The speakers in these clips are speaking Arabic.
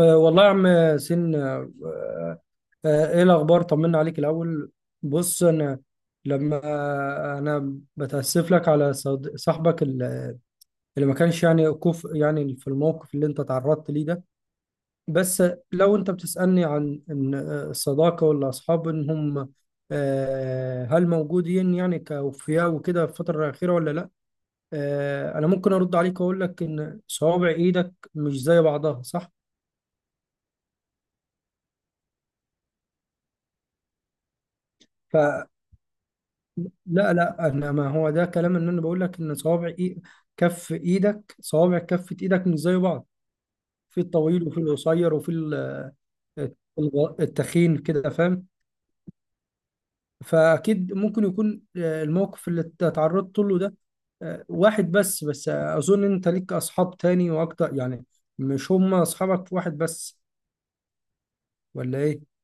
والله يا عم ياسين أه آه، آه، ايه الاخبار، طمنا عليك الاول. بص انا لما انا بتاسف لك على صاحبك اللي ما كانش يعني كوف، يعني في الموقف اللي انت تعرضت ليه ده. بس لو انت بتسالني عن ان الصداقه والاصحاب ان هم هل موجودين يعني كأوفياء وكده في الفترة الأخيرة ولا لأ؟ أنا ممكن أرد عليك وأقول لك إن صوابع إيدك مش زي بعضها، صح؟ لا لا، انا ما هو ده كلام، ان انا بقول لك ان كف ايدك، صوابع كفة ايدك مش زي بعض، في الطويل وفي القصير وفي التخين كده، فاهم؟ فاكيد ممكن يكون الموقف اللي تعرضت له ده واحد، بس اظن انت ليك اصحاب تاني واكتر يعني، مش هم اصحابك واحد بس، ولا ايه؟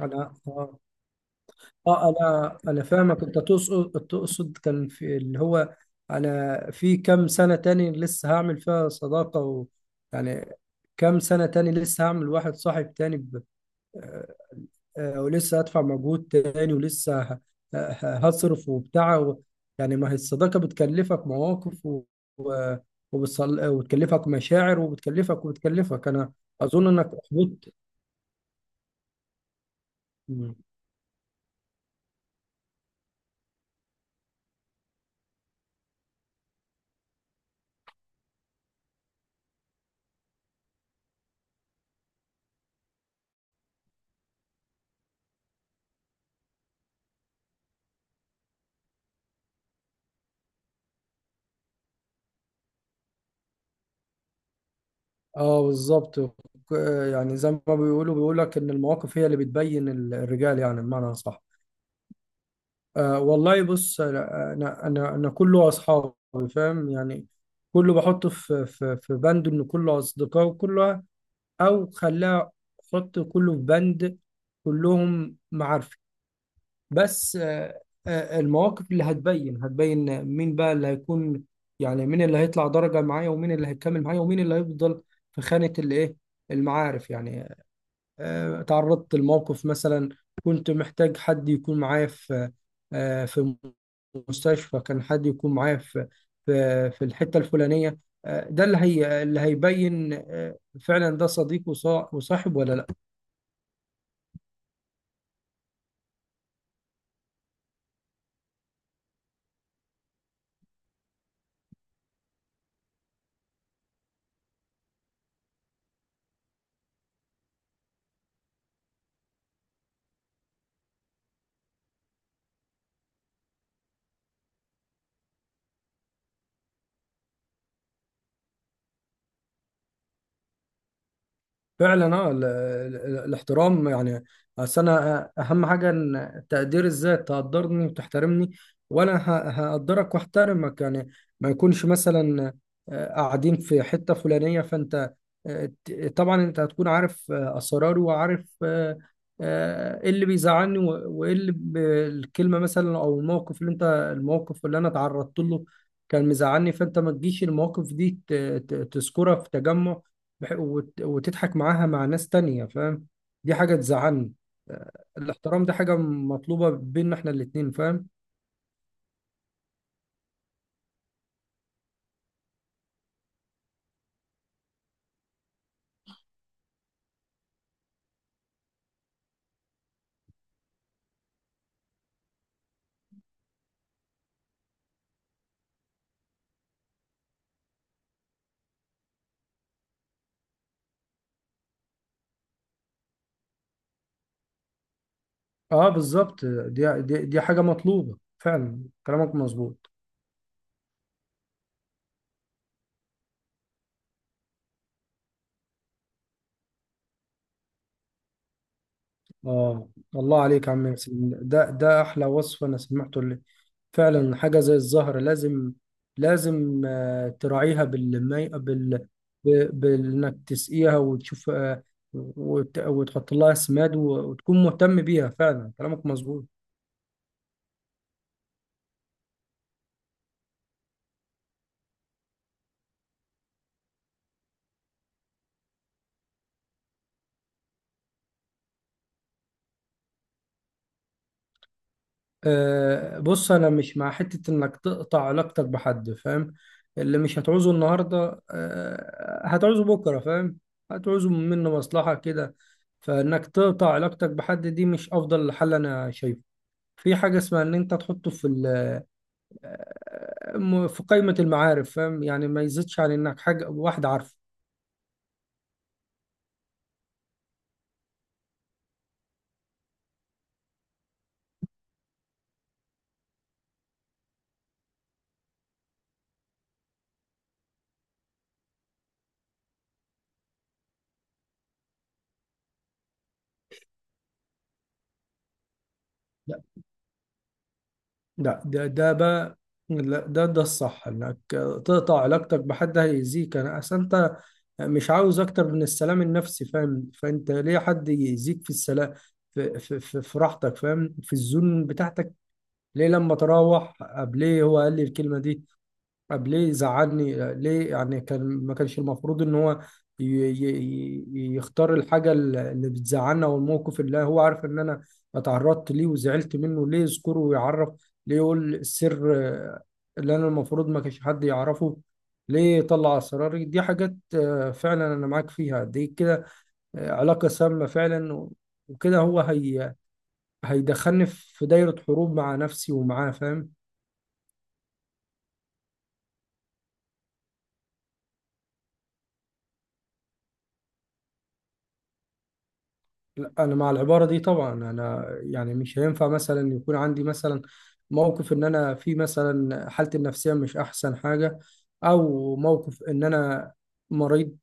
انا اه، انا فاهمك، انت تقصد كان في اللي هو انا في كام سنة تاني لسه هعمل فيها صداقة؟ و يعني كام سنة تاني لسه هعمل واحد صاحب تاني؟ ب... آه، آه، ولسه هدفع مجهود تاني، ولسه هصرف وبتاع و... يعني ما هي الصداقة بتكلفك مواقف و... و... وبتكلفك مشاعر، وبتكلفك انا اظن انك احبطت. اه بالظبط. ك- يعني زي ما بيقولوا، بيقول لك ان المواقف هي اللي بتبين الرجال، يعني بمعنى صح. آه والله بص، انا انا كله اصحابي، فاهم يعني، كله بحطه في في بند ان كله اصدقاء وكله، او خلاه حط كله في بند، كلهم معارفي. بس المواقف اللي هتبين مين بقى اللي هيكون، يعني مين اللي هيطلع درجة معايا، ومين اللي هيكمل معايا، ومين اللي هيفضل في خانة الايه؟ المعارف يعني. تعرضت لموقف مثلا، كنت محتاج حد يكون معايا في آه، في مستشفى، كان حد يكون معايا في في الحتة الفلانية. ده اللي اللي هيبين فعلا ده صديق وصاحب ولا لا. فعلا اه الاحترام يعني، اصل انا اهم حاجه ان تقدير الذات، تقدرني وتحترمني، وانا هقدرك واحترمك يعني. ما يكونش مثلا قاعدين في حته فلانيه، فانت طبعا انت هتكون عارف اسراري، وعارف ايه اللي بيزعلني، وايه اللي الكلمه مثلا، او الموقف اللي الموقف اللي انا تعرضت له كان مزعلني، فانت ما تجيش المواقف دي تذكرها في تجمع وتضحك معاها مع ناس تانية، فاهم؟ دي حاجة تزعلني. الاحترام ده حاجة مطلوبة بيننا احنا الاتنين، فاهم؟ اه بالظبط، دي حاجة مطلوبة فعلا، كلامك مظبوط. اه الله عليك يا عم ياسين، ده ده احلى وصف انا سمعته، اللي فعلا حاجة زي الزهر، لازم لازم تراعيها بالمي بال بانك تسقيها، وتشوف وتحط لها سماد، وتكون مهتم بيها، فعلا كلامك مظبوط. أه بص، انا مش مع حتة انك تقطع علاقتك بحد، فاهم؟ اللي مش هتعوزه النهاردة أه هتعوزه بكرة، فاهم؟ هتعوزه منه مصلحة كده. فانك تقطع علاقتك بحد دي مش افضل حل انا شايفه. في حاجة اسمها ان انت تحطه في في قائمة المعارف، فاهم؟ يعني ما يزيدش عن انك حاجة واحد عارفه. لا لا، ده ده بقى، لا ده ده الصح، انك تقطع علاقتك بحد هيأذيك. انا اصل انت مش عاوز اكتر من السلام النفسي، فاهم؟ فانت ليه حد يزيد في السلام، في, في, راحتك، فاهم؟ في الزون بتاعتك. ليه لما تروح قبل، ليه هو قال لي الكلمه دي؟ طب ليه زعلني؟ ليه يعني كان ما كانش المفروض ان هو يختار الحاجه اللي بتزعلنا، والموقف اللي هو عارف ان انا اتعرضت ليه وزعلت منه، ليه يذكره ويعرف؟ ليه يقول السر اللي انا المفروض ما كانش حد يعرفه؟ ليه يطلع اسراري؟ دي حاجات فعلا انا معاك فيها دي كده، علاقه سامه فعلا، وكده هي هيدخلني في دايره حروب مع نفسي ومعاه، فاهم؟ لا، انا مع العباره دي طبعا. انا يعني مش هينفع مثلا يكون عندي مثلا موقف ان انا في مثلا حالتي النفسيه مش احسن حاجه، او موقف ان انا مريض،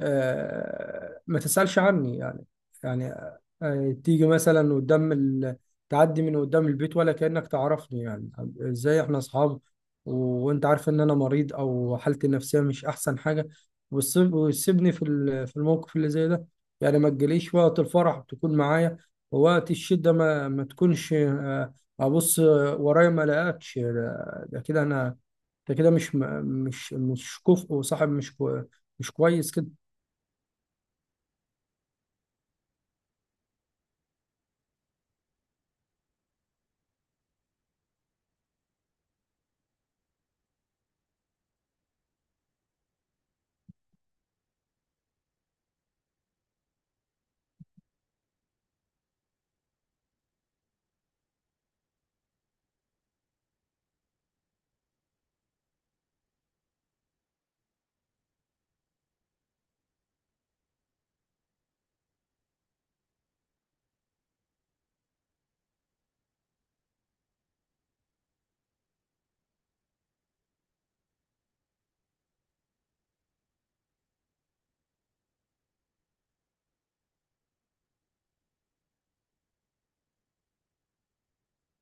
ما تسألش عني يعني. يعني تيجي مثلا قدام تعدي من قدام البيت ولا كأنك تعرفني يعني، ازاي احنا اصحاب؟ و... وانت عارف ان انا مريض او حالتي النفسية مش احسن حاجة، وتسيبني في في الموقف اللي زي ده، يعني ما تجيليش وقت الفرح تكون معايا، ووقت الشدة ما تكونش ابص ورايا ما الاقيكش. ده ده كده انا، ده كده مش كفء، وصاحب مش كويس كده.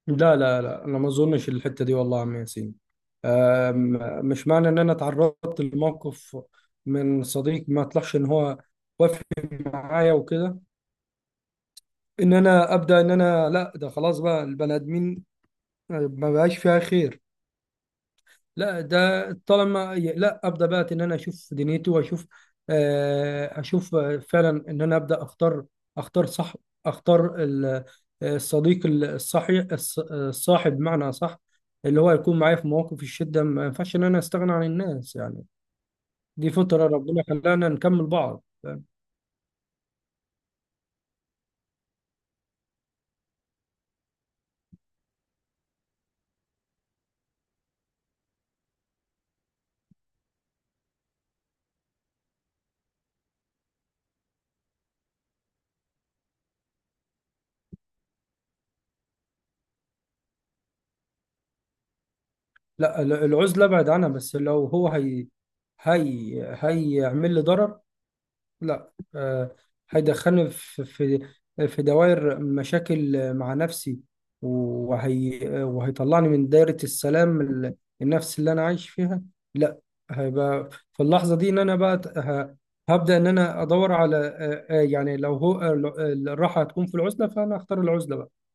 لا انا ما اظنش الحته دي، والله يا عم ياسين. مش معنى ان انا تعرضت لموقف من صديق ما طلعش ان هو وافق معايا وكده، ان انا ابدا، ان انا لا ده خلاص بقى البني ادمين ما بقاش فيها خير. لا، ده طالما لا ابدا بقى، ان انا اشوف دنيتي، واشوف اشوف فعلا ان انا ابدا اختار، اختار صح، اختار الصديق الصحي، الصاحب بمعنى صح، اللي هو يكون معايا في مواقف الشده. ما ينفعش ان انا استغنى عن الناس يعني، دي فطره ربنا خلانا نكمل بعض. لا العزله ابعد عنها، بس لو هي هي هيعمل لي ضرر، لا هيدخلني في في دوائر مشاكل مع نفسي، وهيطلعني من دايرة السلام النفسي اللي أنا عايش فيها. لا، هيبقى في اللحظة دي إن أنا بقى هبدأ إن أنا أدور على يعني لو هو آه، لو- آه، الراحة هتكون في العزلة فأنا أختار العزلة بقى.